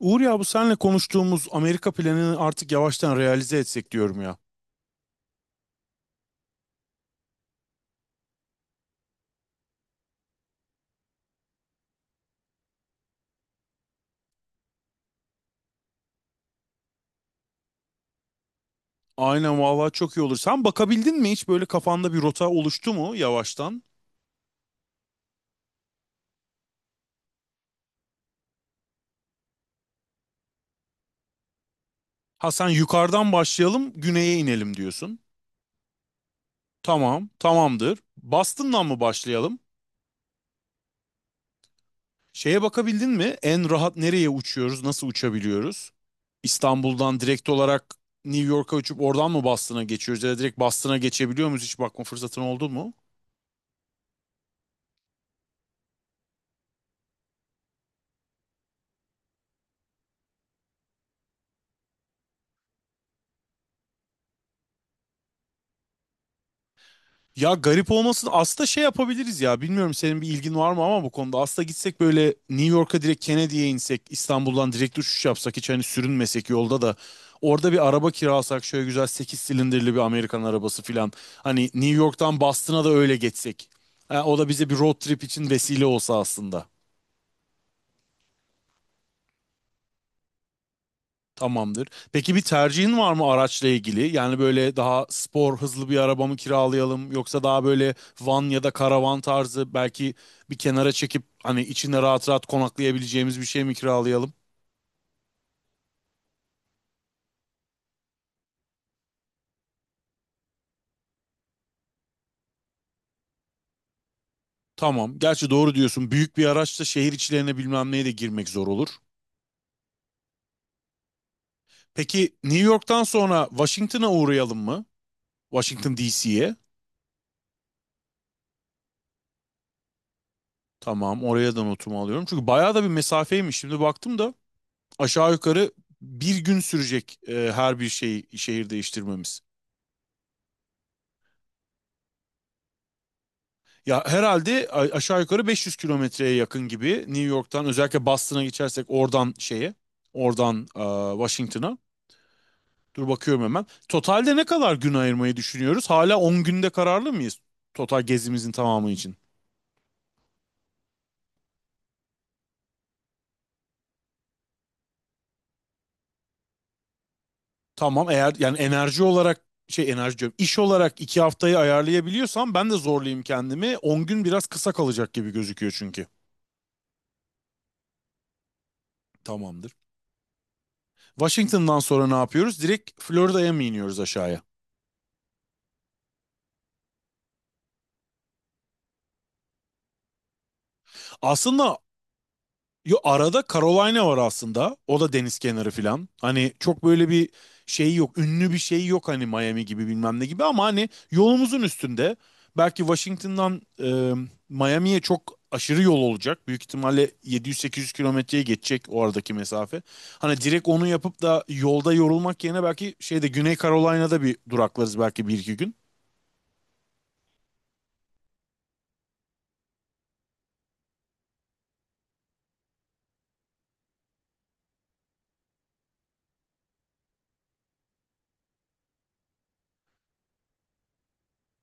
Uğur ya bu senle konuştuğumuz Amerika planını artık yavaştan realize etsek diyorum ya. Aynen vallahi çok iyi olur. Sen bakabildin mi hiç böyle kafanda bir rota oluştu mu yavaştan? Ha sen yukarıdan başlayalım, güneye inelim diyorsun. Tamam, tamamdır. Boston'dan mı başlayalım? Şeye bakabildin mi? En rahat nereye uçuyoruz, nasıl uçabiliyoruz? İstanbul'dan direkt olarak New York'a uçup oradan mı Boston'a geçiyoruz ya da direkt Boston'a geçebiliyor muyuz? Hiç bakma fırsatın oldu mu? Ya garip olmasın. Aslında şey yapabiliriz ya. Bilmiyorum senin bir ilgin var mı ama bu konuda. Aslında gitsek böyle New York'a direkt Kennedy'ye insek. İstanbul'dan direkt uçuş yapsak. Hiç hani sürünmesek yolda da. Orada bir araba kiralasak. Şöyle güzel 8 silindirli bir Amerikan arabası filan. Hani New York'tan Boston'a da öyle geçsek. Ha, o da bize bir road trip için vesile olsa aslında. Tamamdır. Peki bir tercihin var mı araçla ilgili? Yani böyle daha spor hızlı bir araba mı kiralayalım yoksa daha böyle van ya da karavan tarzı belki bir kenara çekip hani içinde rahat rahat konaklayabileceğimiz bir şey mi kiralayalım? Tamam. Gerçi doğru diyorsun. Büyük bir araçla şehir içlerine bilmem neye de girmek zor olur. Peki New York'tan sonra Washington'a uğrayalım mı? Washington DC'ye. Tamam, oraya da notumu alıyorum. Çünkü bayağı da bir mesafeymiş. Şimdi baktım da aşağı yukarı bir gün sürecek her bir şey şehir değiştirmemiz. Ya herhalde aşağı yukarı 500 kilometreye yakın gibi New York'tan özellikle Boston'a geçersek oradan oradan e, Washington'a. Dur bakıyorum hemen. Totalde ne kadar gün ayırmayı düşünüyoruz? Hala 10 günde kararlı mıyız total gezimizin tamamı için? Tamam eğer yani enerji olarak şey enerji diyorum iş olarak 2 haftayı ayarlayabiliyorsam ben de zorlayayım kendimi. 10 gün biraz kısa kalacak gibi gözüküyor çünkü. Tamamdır. Washington'dan sonra ne yapıyoruz? Direkt Florida'ya mı iniyoruz aşağıya? Aslında yo, arada Carolina var aslında. O da deniz kenarı falan. Hani çok böyle bir şey yok. Ünlü bir şey yok hani Miami gibi bilmem ne gibi ama hani yolumuzun üstünde. Belki Washington'dan Miami'ye çok aşırı yol olacak. Büyük ihtimalle 700-800 kilometreye geçecek o aradaki mesafe. Hani direkt onu yapıp da yolda yorulmak yerine belki şeyde Güney Carolina'da bir duraklarız belki 1-2 gün.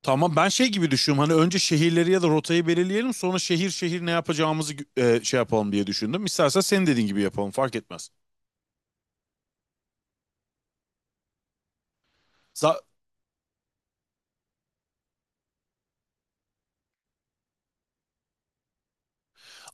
Tamam ben şey gibi düşünüyorum hani önce şehirleri ya da rotayı belirleyelim sonra şehir şehir ne yapacağımızı şey yapalım diye düşündüm. İstersen senin dediğin gibi yapalım fark etmez. Za-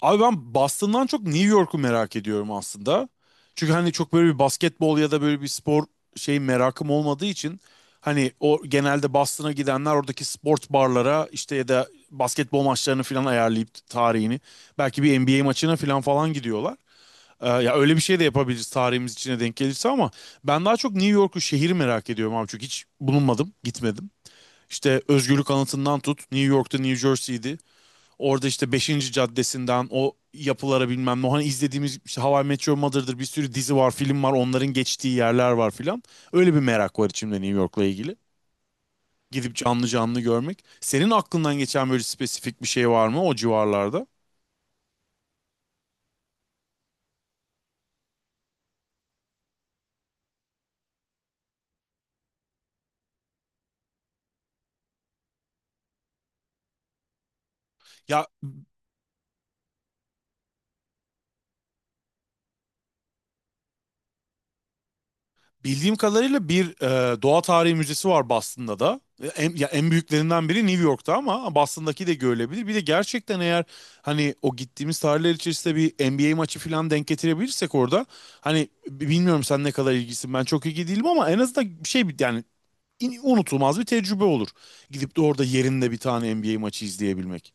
Abi ben Boston'dan çok New York'u merak ediyorum aslında. Çünkü hani çok böyle bir basketbol ya da böyle bir spor şey merakım olmadığı için hani o genelde Boston'a gidenler oradaki sport barlara işte ya da basketbol maçlarını falan ayarlayıp tarihini belki bir NBA maçına falan falan gidiyorlar. Ya öyle bir şey de yapabiliriz tarihimiz içine denk gelirse ama ben daha çok New York'u şehir merak ediyorum abi çünkü hiç bulunmadım, gitmedim. İşte Özgürlük Anıtı'ndan tut, New York'ta New Jersey'di. Orada işte beşinci Caddesi'nden o yapılara bilmem ne. Hani izlediğimiz işte How I Met Your Mother'dır bir sürü dizi var, film var. Onların geçtiği yerler var filan. Öyle bir merak var içimde New York'la ilgili. Gidip canlı canlı görmek. Senin aklından geçen böyle spesifik bir şey var mı o civarlarda? Ya bildiğim kadarıyla bir doğa tarihi müzesi var Boston'da da. Ya en büyüklerinden biri New York'ta ama Boston'daki de görülebilir. Bir de gerçekten eğer hani o gittiğimiz tarihler içerisinde bir NBA maçı falan denk getirebilirsek orada hani bilmiyorum sen ne kadar ilgisin ben çok ilgi değilim ama en azından bir şey yani unutulmaz bir tecrübe olur. Gidip de orada yerinde bir tane NBA maçı izleyebilmek.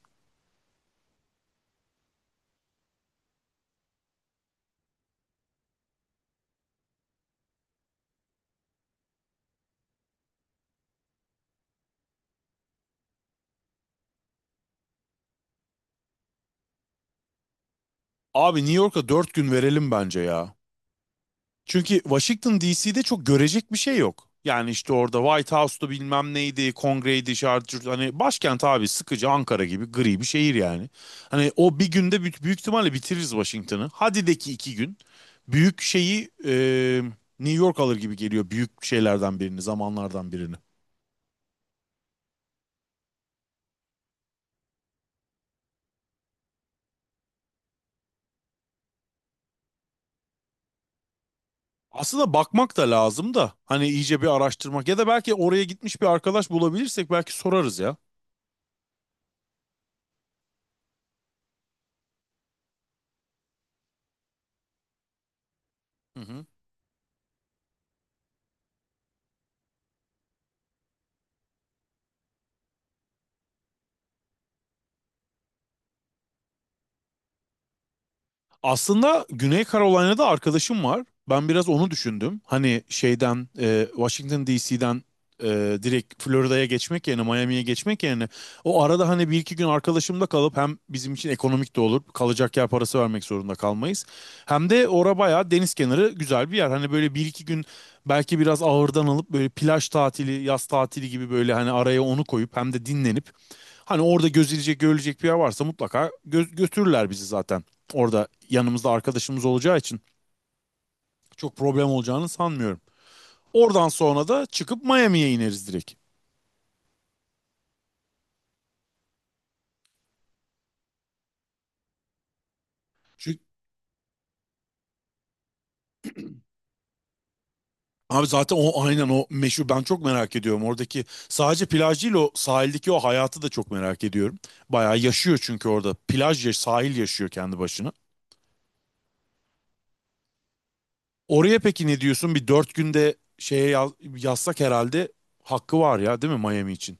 Abi New York'a 4 gün verelim bence ya. Çünkü Washington DC'de çok görecek bir şey yok. Yani işte orada White House'tu bilmem neydi, kongreydi, şart, hani başkent abi sıkıcı Ankara gibi gri bir şehir yani. Hani o bir günde büyük, büyük ihtimalle bitiririz Washington'ı. Hadi de ki 2 gün. Büyük şeyi New York alır gibi geliyor büyük şeylerden birini, zamanlardan birini. Aslında bakmak da lazım da hani iyice bir araştırmak ya da belki oraya gitmiş bir arkadaş bulabilirsek belki sorarız ya. Hı hı. Aslında Güney Carolina'da arkadaşım var. Ben biraz onu düşündüm. Hani şeyden Washington DC'den direkt Florida'ya geçmek yerine Miami'ye geçmek yerine o arada hani 1-2 gün arkadaşımda kalıp hem bizim için ekonomik de olur. Kalacak yer parası vermek zorunda kalmayız. Hem de ora bayağı deniz kenarı güzel bir yer. Hani böyle 1-2 gün belki biraz ağırdan alıp böyle plaj tatili, yaz tatili gibi böyle hani araya onu koyup hem de dinlenip hani orada gözülecek, görülecek bir yer varsa mutlaka götürürler bizi zaten. Orada yanımızda arkadaşımız olacağı için çok problem olacağını sanmıyorum. Oradan sonra da çıkıp Miami'ye ineriz direkt. Çünkü abi zaten o aynen o meşhur ben çok merak ediyorum. Oradaki sadece plaj değil o sahildeki o hayatı da çok merak ediyorum. Bayağı yaşıyor çünkü orada plaj yaş sahil yaşıyor kendi başına. Oraya peki ne diyorsun? Bir 4 günde şeye yazsak herhalde hakkı var ya değil mi Miami için?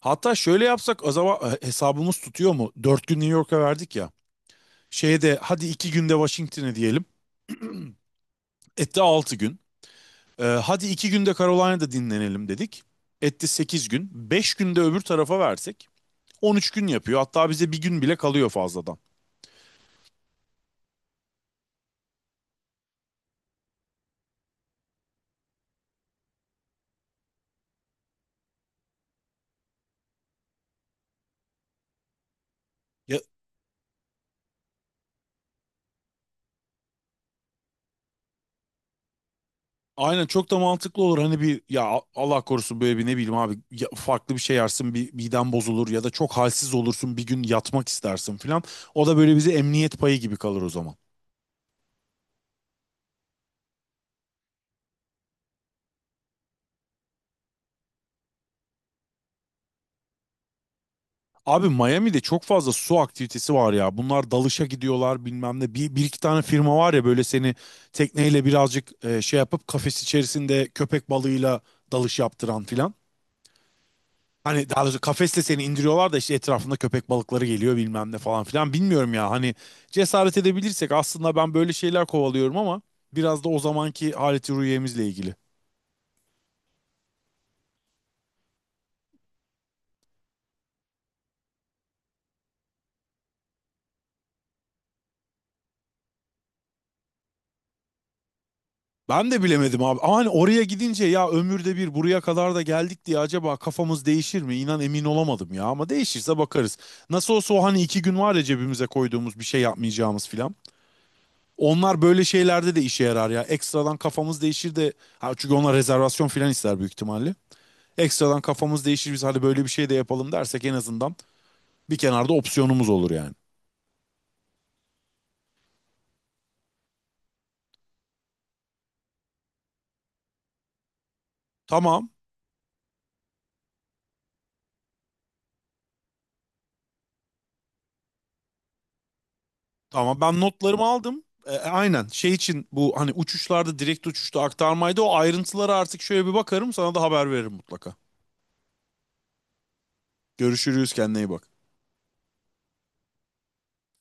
Hatta şöyle yapsak acaba hesabımız tutuyor mu? Dört gün New York'a verdik ya. Şeyde hadi 2 günde Washington'e diyelim. Etti 6 gün. Hadi iki günde Carolina'da dinlenelim dedik. Etti 8 gün. 5 günde öbür tarafa versek. 13 gün yapıyor. Hatta bize bir gün bile kalıyor fazladan. Ya, aynen çok da mantıklı olur. Hani bir ya Allah korusun böyle bir ne bileyim abi ya farklı bir şey yersin bir miden bozulur ya da çok halsiz olursun bir gün yatmak istersin filan. O da böyle bize emniyet payı gibi kalır o zaman. Abi Miami'de çok fazla su aktivitesi var ya. Bunlar dalışa gidiyorlar bilmem ne. Bir iki tane firma var ya böyle seni tekneyle birazcık şey yapıp kafes içerisinde köpek balığıyla dalış yaptıran filan. Hani daha doğrusu kafesle seni indiriyorlar da işte etrafında köpek balıkları geliyor bilmem ne falan filan. Bilmiyorum ya hani cesaret edebilirsek aslında ben böyle şeyler kovalıyorum ama biraz da o zamanki haleti ruhiyemizle ilgili. Ben de bilemedim abi. Ama hani oraya gidince ya ömürde bir buraya kadar da geldik diye acaba kafamız değişir mi? İnan emin olamadım ya ama değişirse bakarız. Nasıl olsa o hani 2 gün var ya cebimize koyduğumuz bir şey yapmayacağımız filan. Onlar böyle şeylerde de işe yarar ya. Ekstradan kafamız değişir de ha çünkü onlar rezervasyon filan ister büyük ihtimalle. Ekstradan kafamız değişir biz hadi böyle bir şey de yapalım dersek en azından bir kenarda opsiyonumuz olur yani. Tamam. Ama ben notlarımı aldım. Aynen şey için bu hani uçuşlarda direkt uçuşta aktarmaydı. O ayrıntılara artık şöyle bir bakarım sana da haber veririm mutlaka. Görüşürüz kendine iyi bak.